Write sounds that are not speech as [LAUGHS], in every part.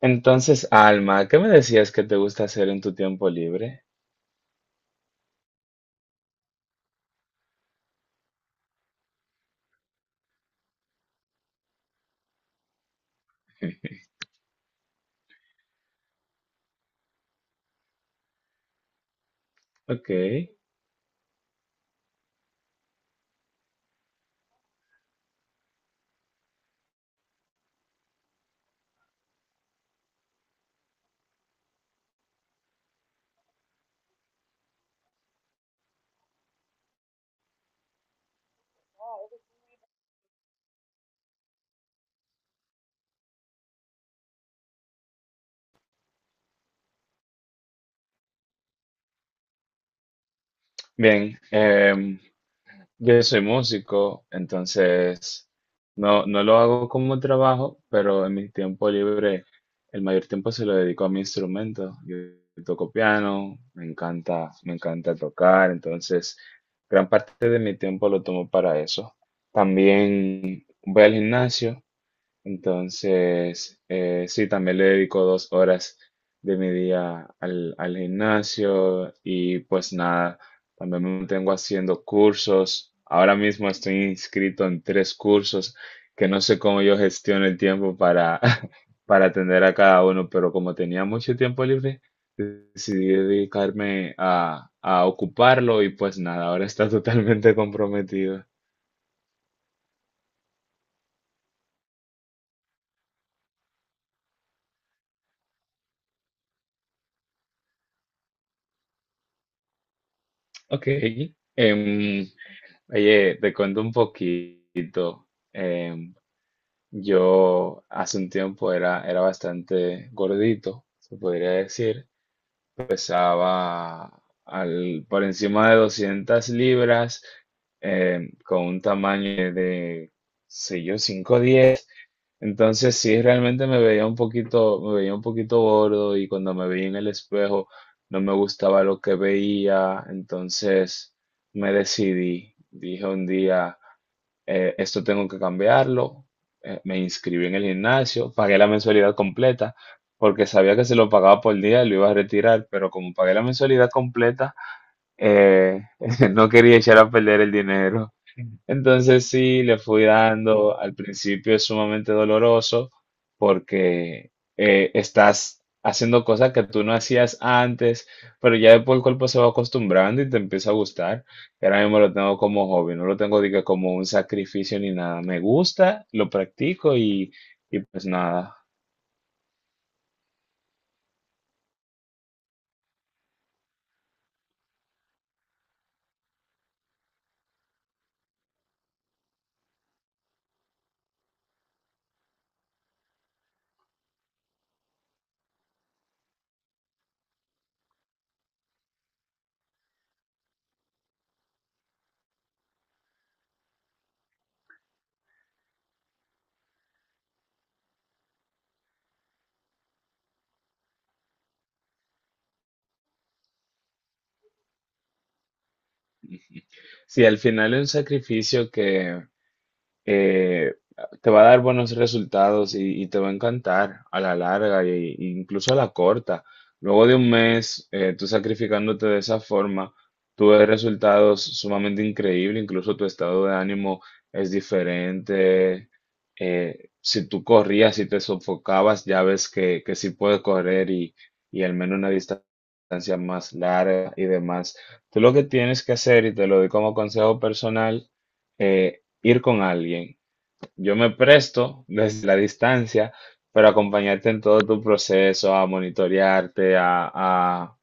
Entonces, Alma, ¿qué me decías que te gusta hacer en tu tiempo libre? Ok, bien. Yo soy músico, entonces no, no lo hago como trabajo, pero en mi tiempo libre, el mayor tiempo se lo dedico a mi instrumento. Yo toco piano, me encanta tocar, entonces gran parte de mi tiempo lo tomo para eso. También voy al gimnasio. Entonces, sí, también le dedico 2 horas de mi día al gimnasio y pues nada, también me mantengo haciendo cursos. Ahora mismo estoy inscrito en tres cursos que no sé cómo yo gestiono el tiempo para, [LAUGHS] para atender a cada uno, pero como tenía mucho tiempo libre, decidí dedicarme a ocuparlo y pues nada, ahora está totalmente comprometido. Ok. em, Oye, te cuento un poquito. Em, yo hace un tiempo era bastante gordito, se podría decir. Pesaba por encima de 200 libras, con un tamaño de, sé yo, cinco diez. Entonces sí, realmente me veía un poquito gordo y cuando me veía en el espejo no me gustaba lo que veía. Entonces me decidí, dije un día esto tengo que cambiarlo. Me inscribí en el gimnasio, pagué la mensualidad completa, porque sabía que se lo pagaba por día y lo iba a retirar, pero como pagué la mensualidad completa, eh, [LAUGHS] no quería echar a perder el dinero. Entonces sí, le fui dando, al principio es sumamente doloroso porque estás haciendo cosas que tú no hacías antes, pero ya después el cuerpo se va acostumbrando y te empieza a gustar. Y ahora mismo lo tengo como hobby, no lo tengo diga, como un sacrificio ni nada. Me gusta, lo practico y pues nada. Sí, al final es un sacrificio que eh, te va a dar buenos resultados y te va a encantar a la larga e incluso a la corta. Luego de un mes, tú sacrificándote de esa forma, tú ves resultados sumamente increíbles, incluso tu estado de ánimo es diferente. Si tú corrías y te sofocabas, ya ves que sí puedes correr y al menos una distancia más larga y demás. Tú lo que tienes que hacer, y te lo doy como consejo personal, eh, ir con alguien. Yo me presto desde la distancia para acompañarte en todo tu proceso, a monitorearte, a, a,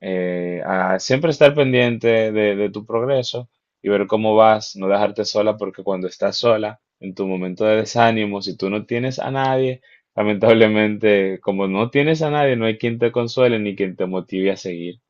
eh, a siempre estar pendiente de tu progreso y ver cómo vas, no dejarte sola, porque cuando estás sola, en tu momento de desánimo, si tú no tienes a nadie, lamentablemente, como no tienes a nadie, no hay quien te consuele ni quien te motive a seguir.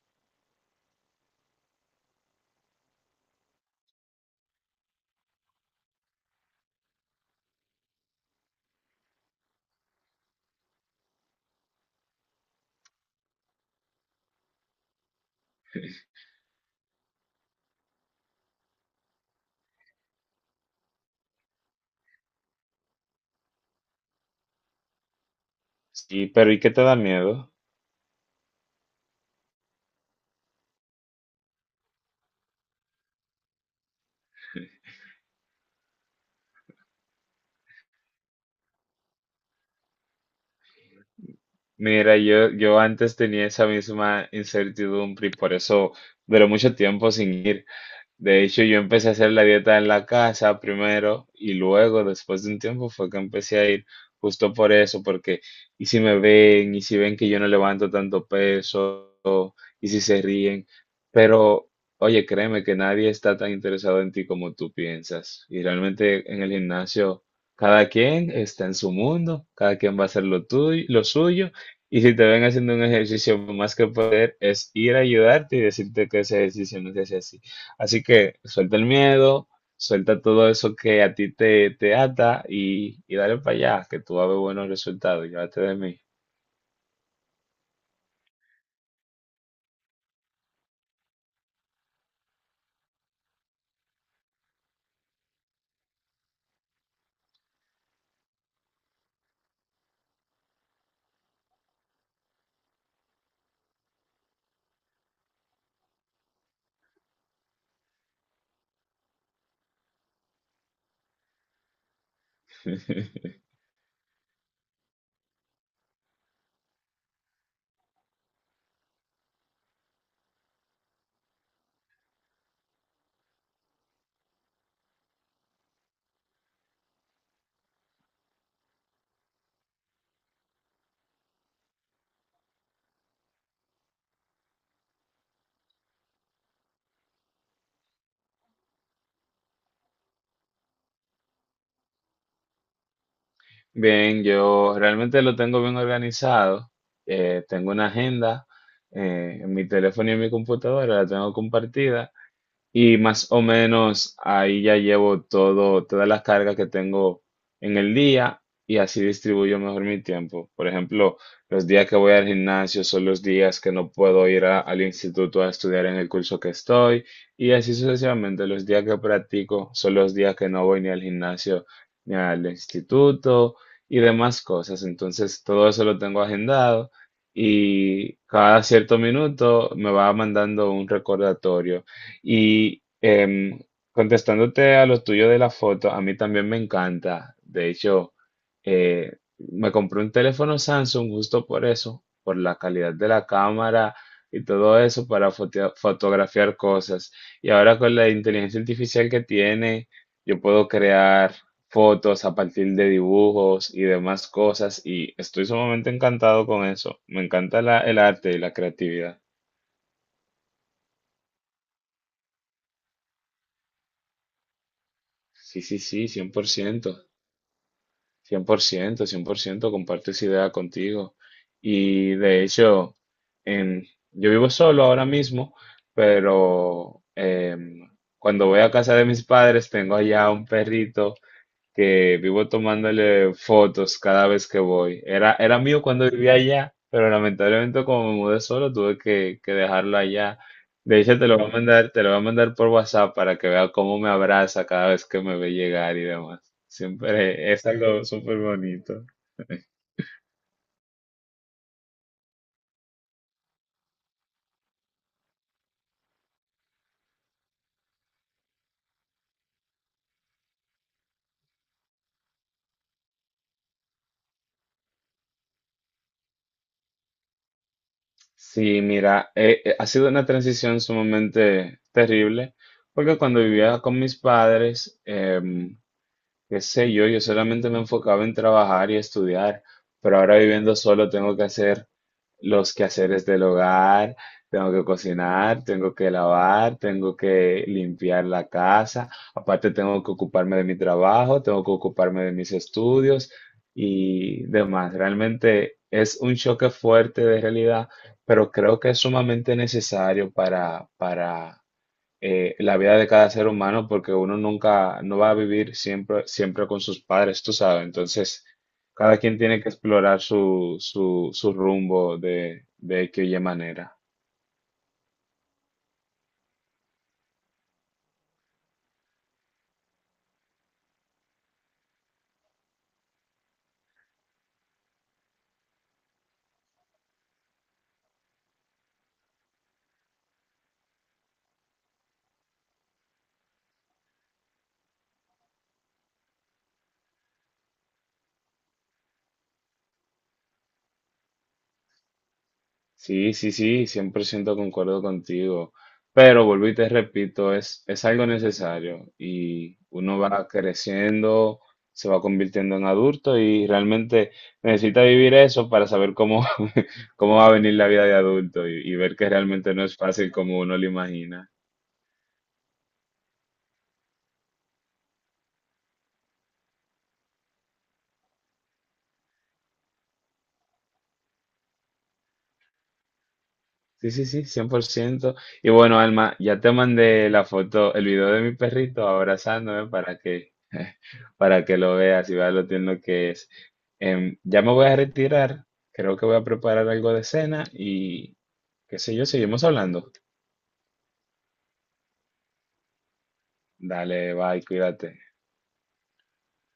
Sí, pero ¿y qué te da miedo? Mira, yo antes tenía esa misma incertidumbre y por eso duré mucho tiempo sin ir. De hecho, yo empecé a hacer la dieta en la casa primero y luego, después de un tiempo, fue que empecé a ir justo por eso, porque y si me ven, y si ven que yo no levanto tanto peso, y si se ríen, pero oye, créeme que nadie está tan interesado en ti como tú piensas. Y realmente en el gimnasio, cada quien está en su mundo, cada quien va a hacer lo tuyo, lo suyo, y si te ven haciendo un ejercicio más que poder, es ir a ayudarte y decirte que ese ejercicio no se hace así. Así que suelta el miedo, suelta todo eso que a ti te, te ata y dale para allá, que tú vas a ver buenos resultados, llévate de mí. [LAUGHS] Bien, yo realmente lo tengo bien organizado. Tengo una agenda en mi teléfono y en mi computadora, la tengo compartida. Y más o menos ahí ya llevo todo, todas las cargas que tengo en el día y así distribuyo mejor mi tiempo. Por ejemplo, los días que voy al gimnasio son los días que no puedo ir al instituto a estudiar en el curso que estoy y así sucesivamente. Los días que practico son los días que no voy ni al gimnasio ni al instituto y demás cosas. Entonces, todo eso lo tengo agendado y cada cierto minuto me va mandando un recordatorio. Y contestándote a lo tuyo de la foto, a mí también me encanta. De hecho, eh, me compré un teléfono Samsung justo por eso, por la calidad de la cámara y todo eso para fotografiar cosas. Y ahora con la inteligencia artificial que tiene, yo puedo crear fotos a partir de dibujos y demás cosas. Y estoy sumamente encantado con eso. Me encanta el arte y la creatividad. Sí, sí, sí, 100%. Cien por ciento cien por ciento comparto esa idea contigo. Y de hecho, em, yo vivo solo ahora mismo, pero cuando voy a casa de mis padres tengo allá un perrito que vivo tomándole fotos cada vez que voy. Era mío cuando vivía allá, pero lamentablemente como me mudé solo tuve que dejarlo allá. De hecho, te lo voy a mandar, te lo voy a mandar por WhatsApp para que vea cómo me abraza cada vez que me ve llegar y demás. Siempre es algo súper bonito. Sí, mira, ha sido una transición sumamente terrible, porque cuando vivía con mis padres, qué sé yo, yo solamente me enfocaba en trabajar y estudiar, pero ahora viviendo solo tengo que hacer los quehaceres del hogar, tengo que cocinar, tengo que lavar, tengo que limpiar la casa, aparte tengo que ocuparme de mi trabajo, tengo que ocuparme de mis estudios y demás. Realmente es un choque fuerte de realidad, pero creo que es sumamente necesario para, para la vida de cada ser humano porque uno nunca, no va a vivir siempre, siempre con sus padres, tú sabes. Entonces, cada quien tiene que explorar su rumbo de X o Y manera. Sí, sí, sí, 100% concuerdo contigo, pero vuelvo y te repito, es algo necesario y uno va creciendo, se va convirtiendo en adulto y realmente necesita vivir eso para saber cómo, [LAUGHS] cómo va a venir la vida de adulto y ver que realmente no es fácil como uno lo imagina. Sí, sí, sí, cien por ciento. Y bueno, Alma, ya te mandé la foto, el video de mi perrito abrazándome para que lo veas y veas lo tierno que es. Ya me voy a retirar, creo que voy a preparar algo de cena y qué sé yo, seguimos hablando. Dale, bye, cuídate.